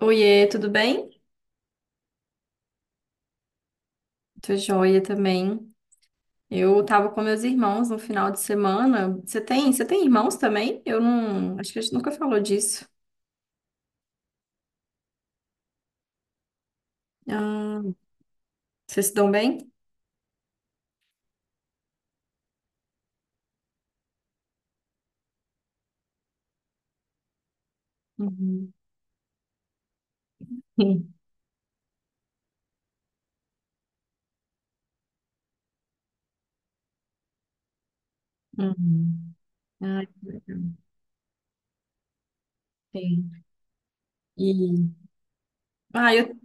Oiê, tudo bem? Tô joia também. Eu tava com meus irmãos no final de semana. Você tem irmãos também? Eu não, acho que a gente nunca falou disso. Ah, vocês se dão bem? Uhum. Sim. Uhum. Ai, que legal. Sim. E, ah, eu,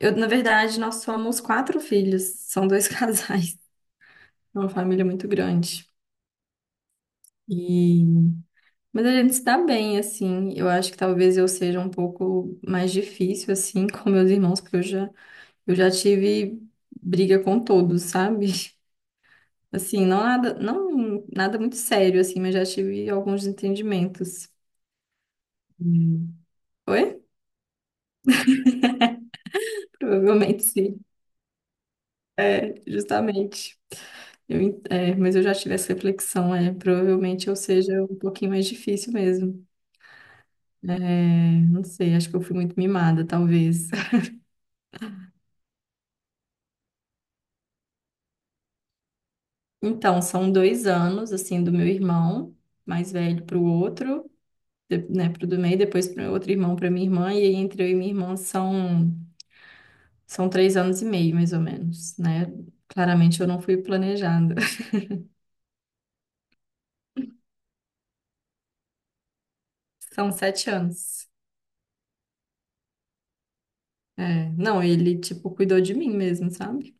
na verdade, nós somos quatro filhos. São dois casais. É uma família muito grande. E mas a gente se dá bem, assim. Eu acho que talvez eu seja um pouco mais difícil, assim, com meus irmãos, porque eu já tive briga com todos, sabe? Assim, não nada muito sério, assim, mas já tive alguns entendimentos. Hum. Oi? Provavelmente sim, justamente. Mas eu já tive essa reflexão, é, provavelmente eu seja um pouquinho mais difícil mesmo. É, não sei, acho que eu fui muito mimada, talvez. Então, são dois anos, assim, do meu irmão mais velho para o outro. Né, pro do meio, depois pro meu outro irmão, pra minha irmã, e aí entre eu e minha irmã são três anos e meio, mais ou menos, né? Claramente eu não fui planejada. São sete anos. É, não, ele, tipo, cuidou de mim mesmo, sabe?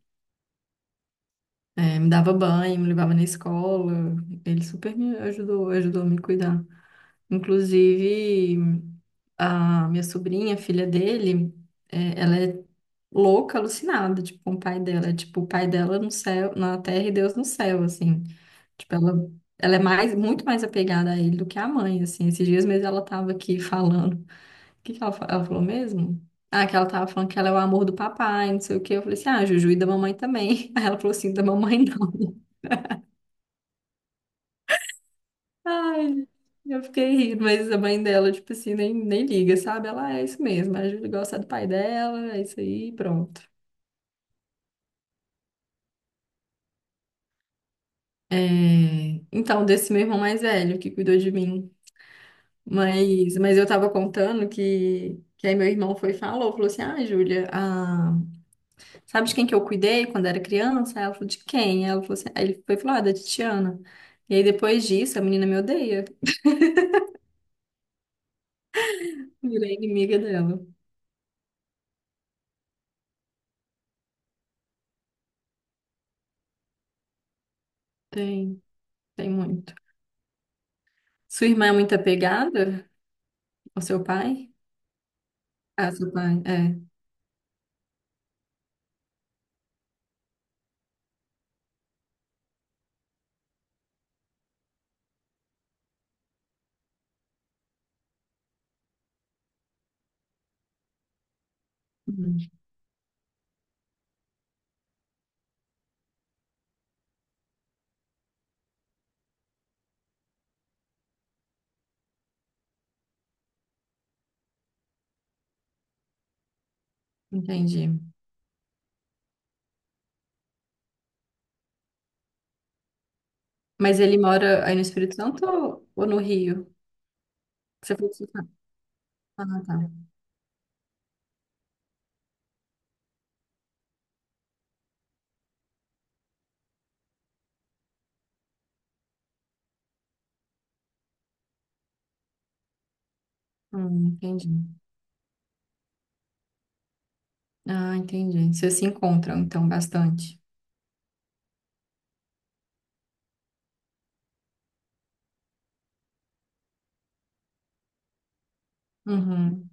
É, me dava banho, me levava na escola, ele super me ajudou, ajudou a me cuidar. Inclusive, a minha sobrinha, filha dele, é, ela é louca, alucinada, tipo, com o pai dela. É tipo, o pai dela no céu, na terra e Deus no céu, assim. Tipo, ela é mais, muito mais apegada a ele do que a mãe, assim. Esses dias mesmo ela tava aqui falando. O que que ela ela falou mesmo? Ah, que ela tava falando que ela é o amor do papai, não sei o quê. Eu falei assim, ah, Juju e da mamãe também. Aí ela falou assim, da mamãe não. Ai, eu fiquei rindo, mas a mãe dela, tipo assim, nem liga, sabe? Ela: "Ah, é isso mesmo, a Júlia gosta do pai dela, é isso aí, pronto." É, então, desse meu irmão mais velho que cuidou de mim. Mas eu tava contando que aí meu irmão foi e falou assim, ah, Júlia, ah, sabe de quem que eu cuidei quando era criança? Aí ela falou, de quem? Ela falou assim, aí ele foi e falou ah, da Titiana. E aí depois disso, a menina me odeia, virei inimiga dela. Tem, tem muito. Sua irmã é muito apegada ao seu pai? Ah, seu pai, é. Uhum, entendi. Mas ele mora aí no Espírito Santo ou no Rio? Você falou que você tá- Ah, tá. Entendi. Ah, entendi. Vocês se encontram, então, bastante. Uhum.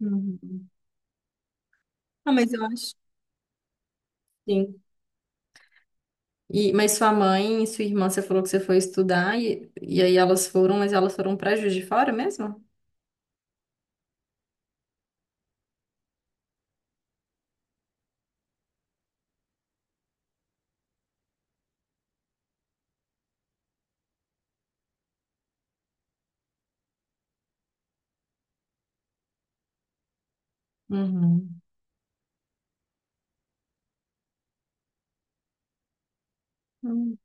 Uhum. Ah, mas eu acho. Sim. Mas sua mãe e sua irmã, você falou que você foi estudar, e aí elas foram, mas elas foram para Juiz de Fora mesmo? Uhum. Hum,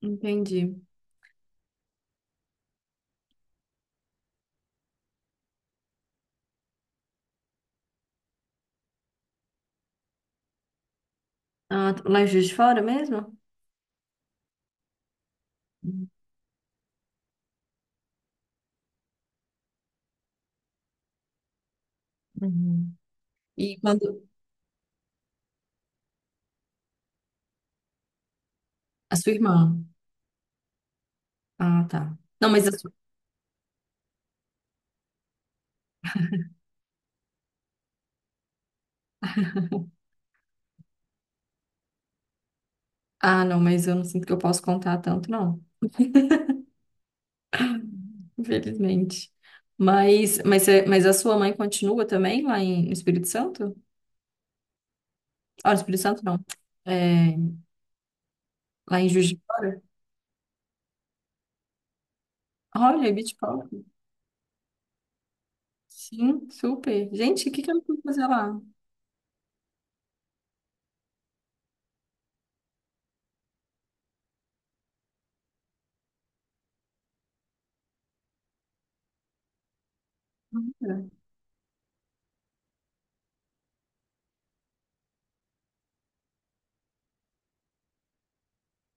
entendi. Ah, lá em Juiz de Fora mesmo? Uhum. E quando. A sua irmã. Ah, tá. Não, mas a sua... Ah, não, mas eu não sinto que eu posso contar tanto, não. Infelizmente. Mas a sua mãe continua também lá em, no Espírito Santo? Olha, Espírito Santo não. É, lá em Juiz de Fora. Olha, Beach Park. Sim, super. Gente, o que que eu fui fazer lá? Nada.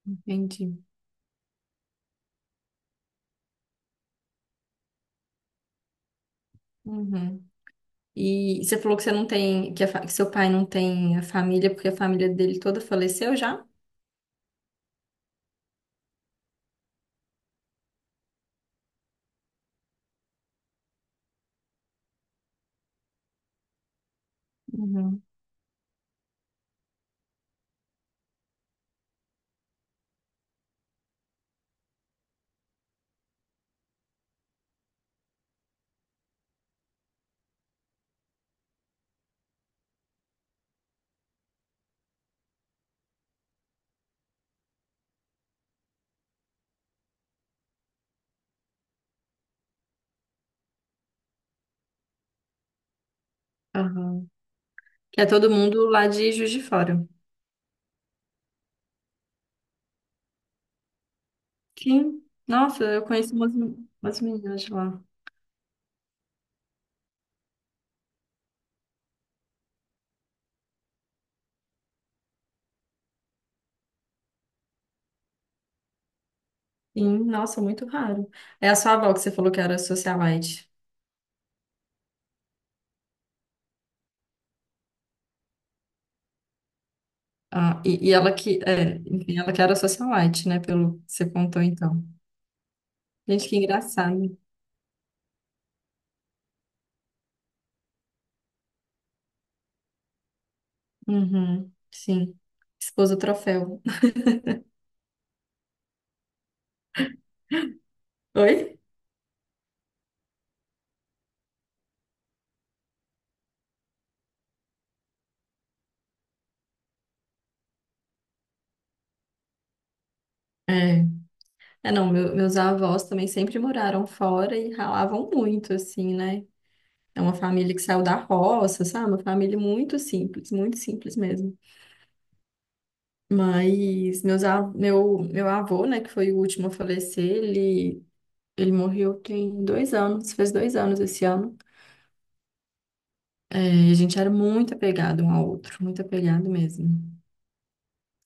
Entendi. Uhum. E você falou que você não tem, que, que seu pai não tem a família, porque a família dele toda faleceu já? Uhum. Aham. Que é todo mundo lá de Juiz de Fora. Sim. Nossa, eu conheço umas, umas meninas de lá. Sim, nossa, muito raro. É a sua avó que você falou que era socialite. Ah, e ela que, é, enfim, ela que era socialite, né? Pelo que você contou, então. Gente, que engraçado. Uhum, sim. Esposa troféu. Oi? É. É, não, meus avós também sempre moraram fora e ralavam muito, assim, né? É uma família que saiu da roça, sabe? Uma família muito simples mesmo. Mas meu avô, né, que foi o último a falecer, ele morreu tem dois anos, fez dois anos esse ano. E a gente era muito apegado um ao outro, muito apegado mesmo.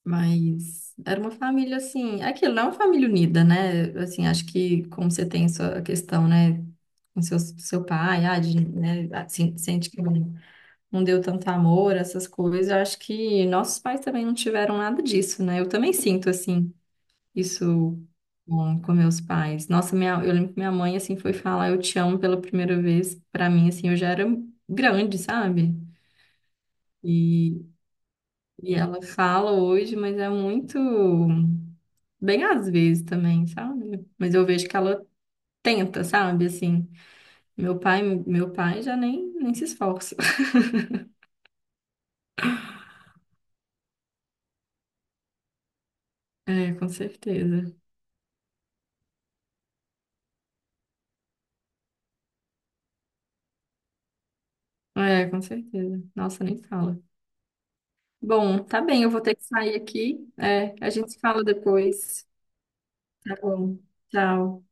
Mas era uma família assim, é aquilo não é uma família unida, né? Assim, acho que como você tem sua questão, né, com seu pai, ah, de, né, assim, sente que não deu tanto amor, essas coisas, eu acho que nossos pais também não tiveram nada disso, né? Eu também sinto assim isso com meus pais. Nossa, minha, eu lembro que minha mãe assim foi falar eu te amo pela primeira vez, pra mim assim, eu já era grande, sabe? e E ela fala hoje, mas é muito bem às vezes também, sabe? Mas eu vejo que ela tenta, sabe? Assim, meu pai já nem se esforça. É, com certeza. É, com certeza. Nossa, nem fala. Bom, tá bem, eu vou ter que sair aqui. É, a gente se fala depois. Tá bom. Tchau.